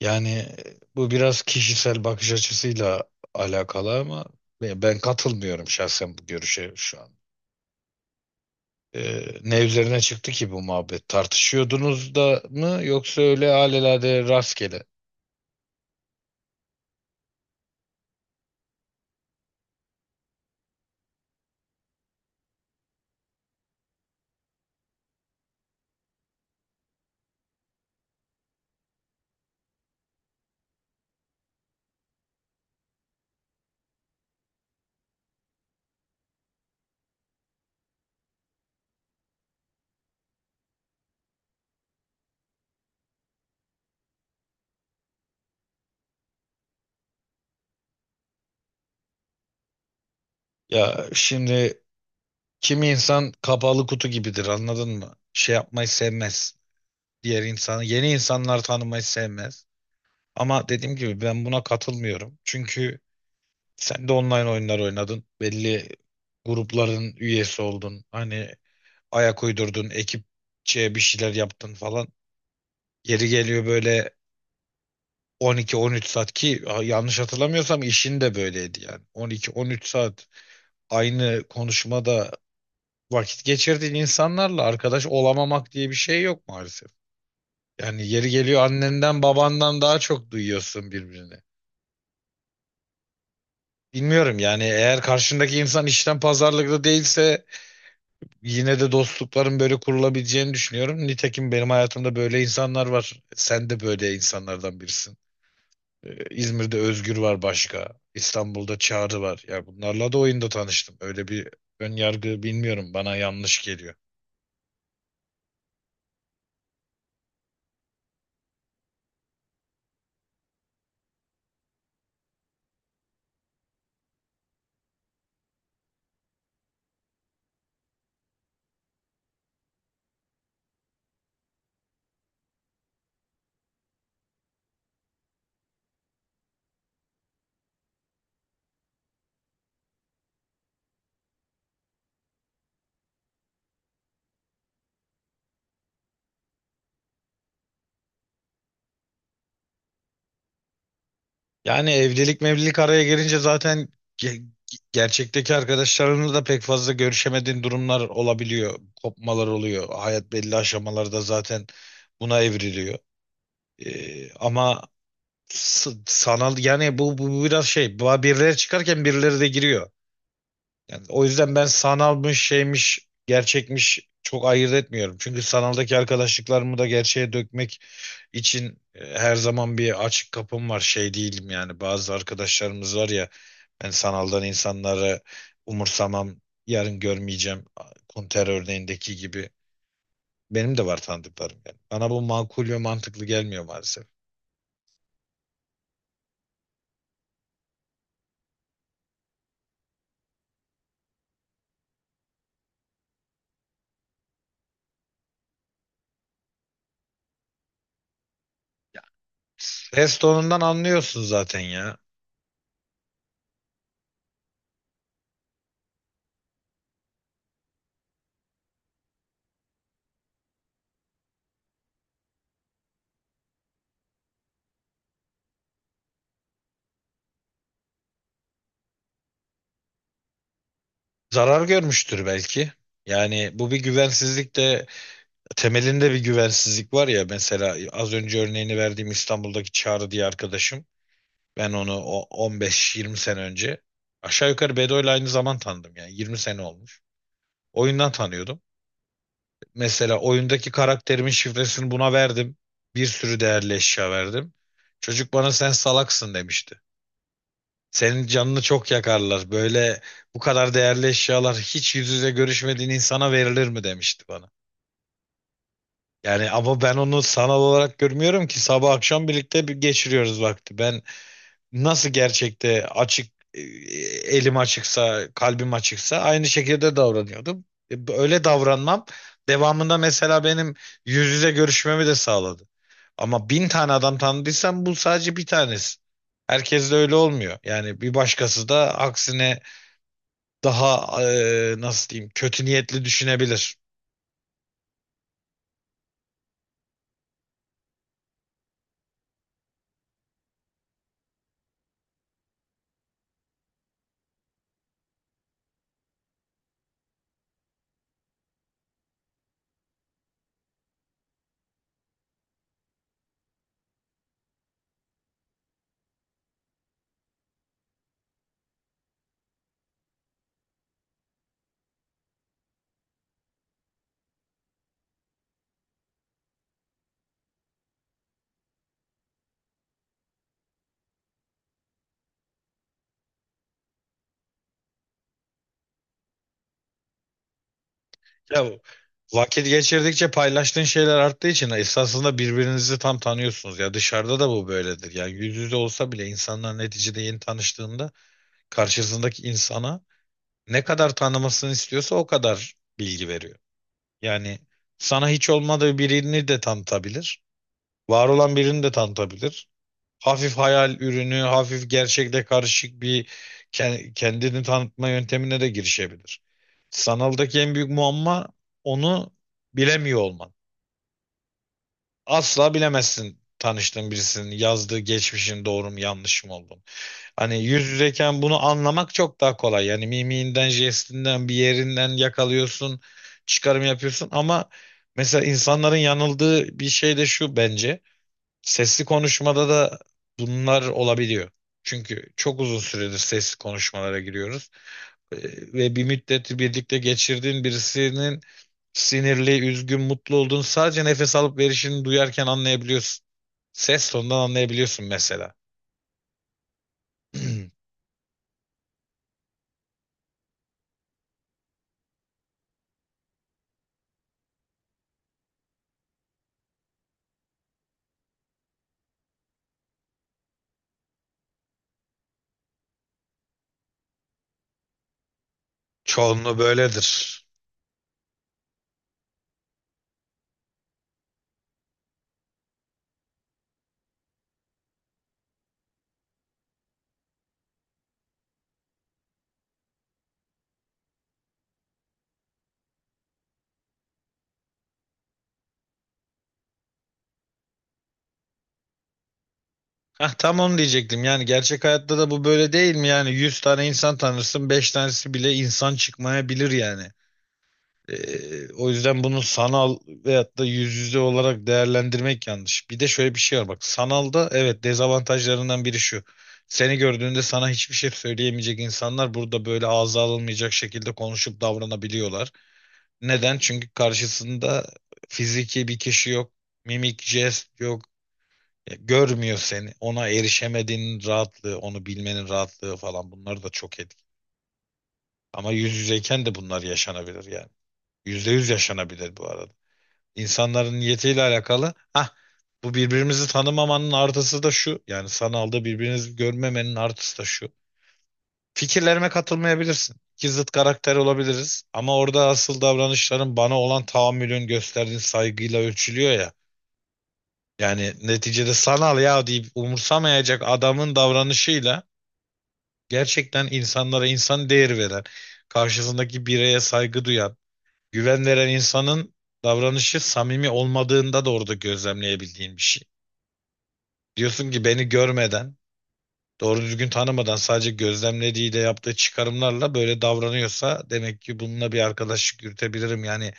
Yani bu biraz kişisel bakış açısıyla alakalı ama ben katılmıyorum şahsen bu görüşe şu an. Ne üzerine çıktı ki bu muhabbet? Tartışıyordunuz da mı yoksa öyle alelade rastgele? Ya şimdi kimi insan kapalı kutu gibidir, anladın mı? Şey yapmayı sevmez. Diğer insanı, yeni insanlar tanımayı sevmez. Ama dediğim gibi ben buna katılmıyorum. Çünkü sen de online oyunlar oynadın. Belli grupların üyesi oldun. Hani ayak uydurdun, ekipçe bir şeyler yaptın falan. Yeri geliyor böyle 12-13 saat, ki yanlış hatırlamıyorsam işin de böyleydi yani. 12-13 saat aynı konuşmada vakit geçirdiğin insanlarla arkadaş olamamak diye bir şey yok maalesef. Yani yeri geliyor annenden babandan daha çok duyuyorsun birbirini. Bilmiyorum yani, eğer karşındaki insan işten pazarlıklı değilse yine de dostlukların böyle kurulabileceğini düşünüyorum. Nitekim benim hayatımda böyle insanlar var. Sen de böyle insanlardan birisin. İzmir'de Özgür var başka. İstanbul'da Çağrı var. Ya bunlarla da oyunda tanıştım. Öyle bir ön yargı bilmiyorum. Bana yanlış geliyor. Yani evlilik mevlilik araya gelince zaten ge- gerçekteki arkadaşlarınla da pek fazla görüşemediğin durumlar olabiliyor. Kopmalar oluyor. Hayat belli aşamalarda zaten buna evriliyor. Ama sanal yani bu biraz şey birileri çıkarken birileri de giriyor. Yani o yüzden ben sanalmış şeymiş gerçekmiş çok ayırt etmiyorum. Çünkü sanaldaki arkadaşlıklarımı da gerçeğe dökmek için her zaman bir açık kapım var, şey değilim yani, bazı arkadaşlarımız var ya, ben sanaldan insanları umursamam, yarın görmeyeceğim konter örneğindeki gibi benim de var tanıdıklarım yani. Bana bu makul ve mantıklı gelmiyor maalesef. Ses tonundan anlıyorsun zaten ya. Zarar görmüştür belki. Yani bu bir güvensizlik de, temelinde bir güvensizlik var ya. Mesela az önce örneğini verdiğim İstanbul'daki Çağrı diye arkadaşım, ben onu o 15-20 sene önce aşağı yukarı Bedo'yla aynı zaman tanıdım, yani 20 sene olmuş. Oyundan tanıyordum. Mesela oyundaki karakterimin şifresini buna verdim. Bir sürü değerli eşya verdim. Çocuk bana sen salaksın demişti. Senin canını çok yakarlar. Böyle bu kadar değerli eşyalar hiç yüz yüze görüşmediğin insana verilir mi demişti bana. Yani ama ben onu sanal olarak görmüyorum ki, sabah akşam birlikte bir geçiriyoruz vakti. Ben nasıl gerçekte açık elim açıksa, kalbim açıksa aynı şekilde davranıyordum. Öyle davranmam devamında mesela benim yüz yüze görüşmemi de sağladı. Ama bin tane adam tanıdıysam bu sadece bir tanesi. Herkes de öyle olmuyor. Yani bir başkası da aksine daha nasıl diyeyim, kötü niyetli düşünebilir. Ya vakit geçirdikçe paylaştığın şeyler arttığı için esasında birbirinizi tam tanıyorsunuz. Ya dışarıda da bu böyledir. Yani yüz yüze olsa bile insanlar neticede yeni tanıştığında karşısındaki insana ne kadar tanımasını istiyorsa o kadar bilgi veriyor. Yani sana hiç olmadığı birini de tanıtabilir. Var olan birini de tanıtabilir. Hafif hayal ürünü, hafif gerçekle karışık bir kendini tanıtma yöntemine de girişebilir. Sanaldaki en büyük muamma onu bilemiyor olman. Asla bilemezsin tanıştığın birisinin yazdığı geçmişin doğru mu yanlış mı olduğunu. Hani yüz yüzeyken bunu anlamak çok daha kolay. Yani mimiğinden, jestinden, bir yerinden yakalıyorsun, çıkarım yapıyorsun. Ama mesela insanların yanıldığı bir şey de şu bence. Sesli konuşmada da bunlar olabiliyor. Çünkü çok uzun süredir sesli konuşmalara giriyoruz. Ee, Ve bir müddet birlikte geçirdiğin birisinin sinirli, üzgün, mutlu olduğunu sadece nefes alıp verişini duyarken anlayabiliyorsun. Ses tonundan anlayabiliyorsun mesela. Çoğunluğu böyledir. Hah, tam onu diyecektim. Yani gerçek hayatta da bu böyle değil mi? Yani 100 tane insan tanırsın, 5 tanesi bile insan çıkmayabilir yani. O yüzden bunu sanal veyahut da yüz yüze olarak değerlendirmek yanlış. Bir de şöyle bir şey var bak, sanalda evet, dezavantajlarından biri şu. Seni gördüğünde sana hiçbir şey söyleyemeyecek insanlar burada böyle ağza alınmayacak şekilde konuşup davranabiliyorlar. Neden? Çünkü karşısında fiziki bir kişi yok, mimik, jest yok. Ya, görmüyor seni. Ona erişemediğinin rahatlığı, onu bilmenin rahatlığı falan, bunlar da çok etki. Ama yüz yüzeyken de bunlar yaşanabilir yani. Yüzde yüz yaşanabilir bu arada. İnsanların niyetiyle alakalı. Hah, bu birbirimizi tanımamanın artısı da şu. Yani sanalda birbirinizi görmemenin artısı da şu. Fikirlerime katılmayabilirsin. İki zıt karakter olabiliriz. Ama orada asıl davranışların bana olan tahammülün gösterdiğin saygıyla ölçülüyor ya. Yani neticede sanal ya deyip umursamayacak adamın davranışıyla gerçekten insanlara insan değeri veren, karşısındaki bireye saygı duyan, güven veren insanın davranışı samimi olmadığında da orada gözlemleyebildiğin bir şey. Diyorsun ki beni görmeden, doğru düzgün tanımadan sadece gözlemlediğiyle yaptığı çıkarımlarla böyle davranıyorsa, demek ki bununla bir arkadaşlık yürütebilirim. Yani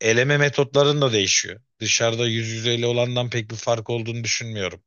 eleme metotların da değişiyor. Dışarıda yüz yüzeyle olandan pek bir fark olduğunu düşünmüyorum.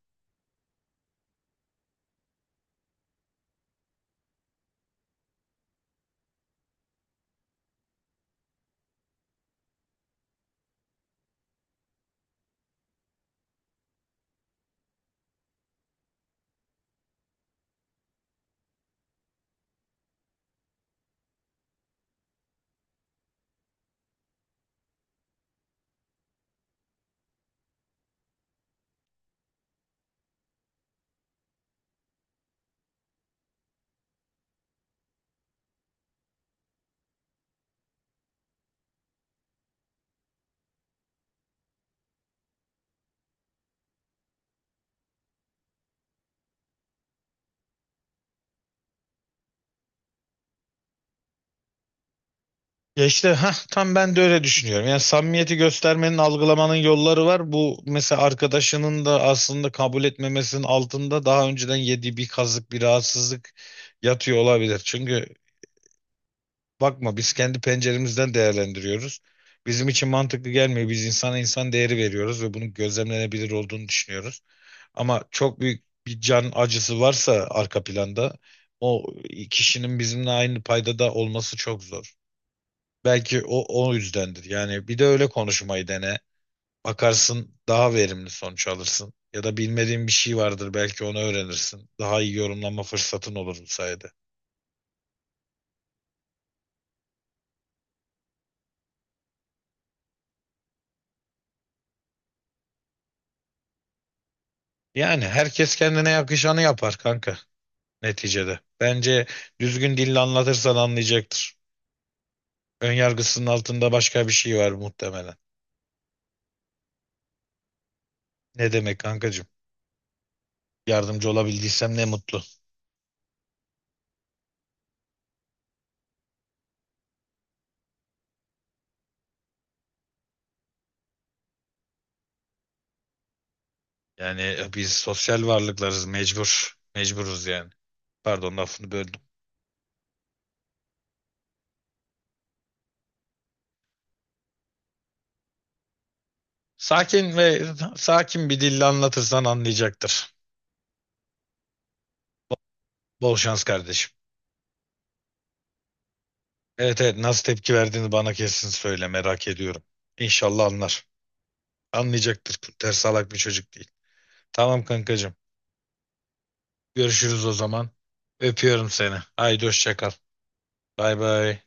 Ya işte hah, tam ben de öyle düşünüyorum. Yani samimiyeti göstermenin, algılamanın yolları var. Bu mesela arkadaşının da aslında kabul etmemesinin altında daha önceden yediği bir kazık, bir rahatsızlık yatıyor olabilir. Çünkü bakma, biz kendi penceremizden değerlendiriyoruz. Bizim için mantıklı gelmiyor. Biz insana insan değeri veriyoruz ve bunun gözlemlenebilir olduğunu düşünüyoruz. Ama çok büyük bir can acısı varsa arka planda, o kişinin bizimle aynı paydada olması çok zor. Belki o yüzdendir. Yani bir de öyle konuşmayı dene. Bakarsın daha verimli sonuç alırsın. Ya da bilmediğin bir şey vardır, belki onu öğrenirsin. Daha iyi yorumlama fırsatın olur bu sayede. Yani herkes kendine yakışanı yapar kanka, neticede. Bence düzgün dille anlatırsan anlayacaktır. Önyargısının altında başka bir şey var muhtemelen. Ne demek kankacığım? Yardımcı olabildiysem ne mutlu. Yani biz sosyal varlıklarız, mecbur. Mecburuz yani. Pardon, lafını böldüm. Sakin ve sakin bir dille anlatırsan anlayacaktır. Bol şans kardeşim. Evet evet, nasıl tepki verdiğini bana kesin söyle, merak ediyorum. İnşallah anlar. Anlayacaktır. Kurter salak bir çocuk değil. Tamam kankacığım. Görüşürüz o zaman. Öpüyorum seni. Haydi hoşça kal. Bay bay.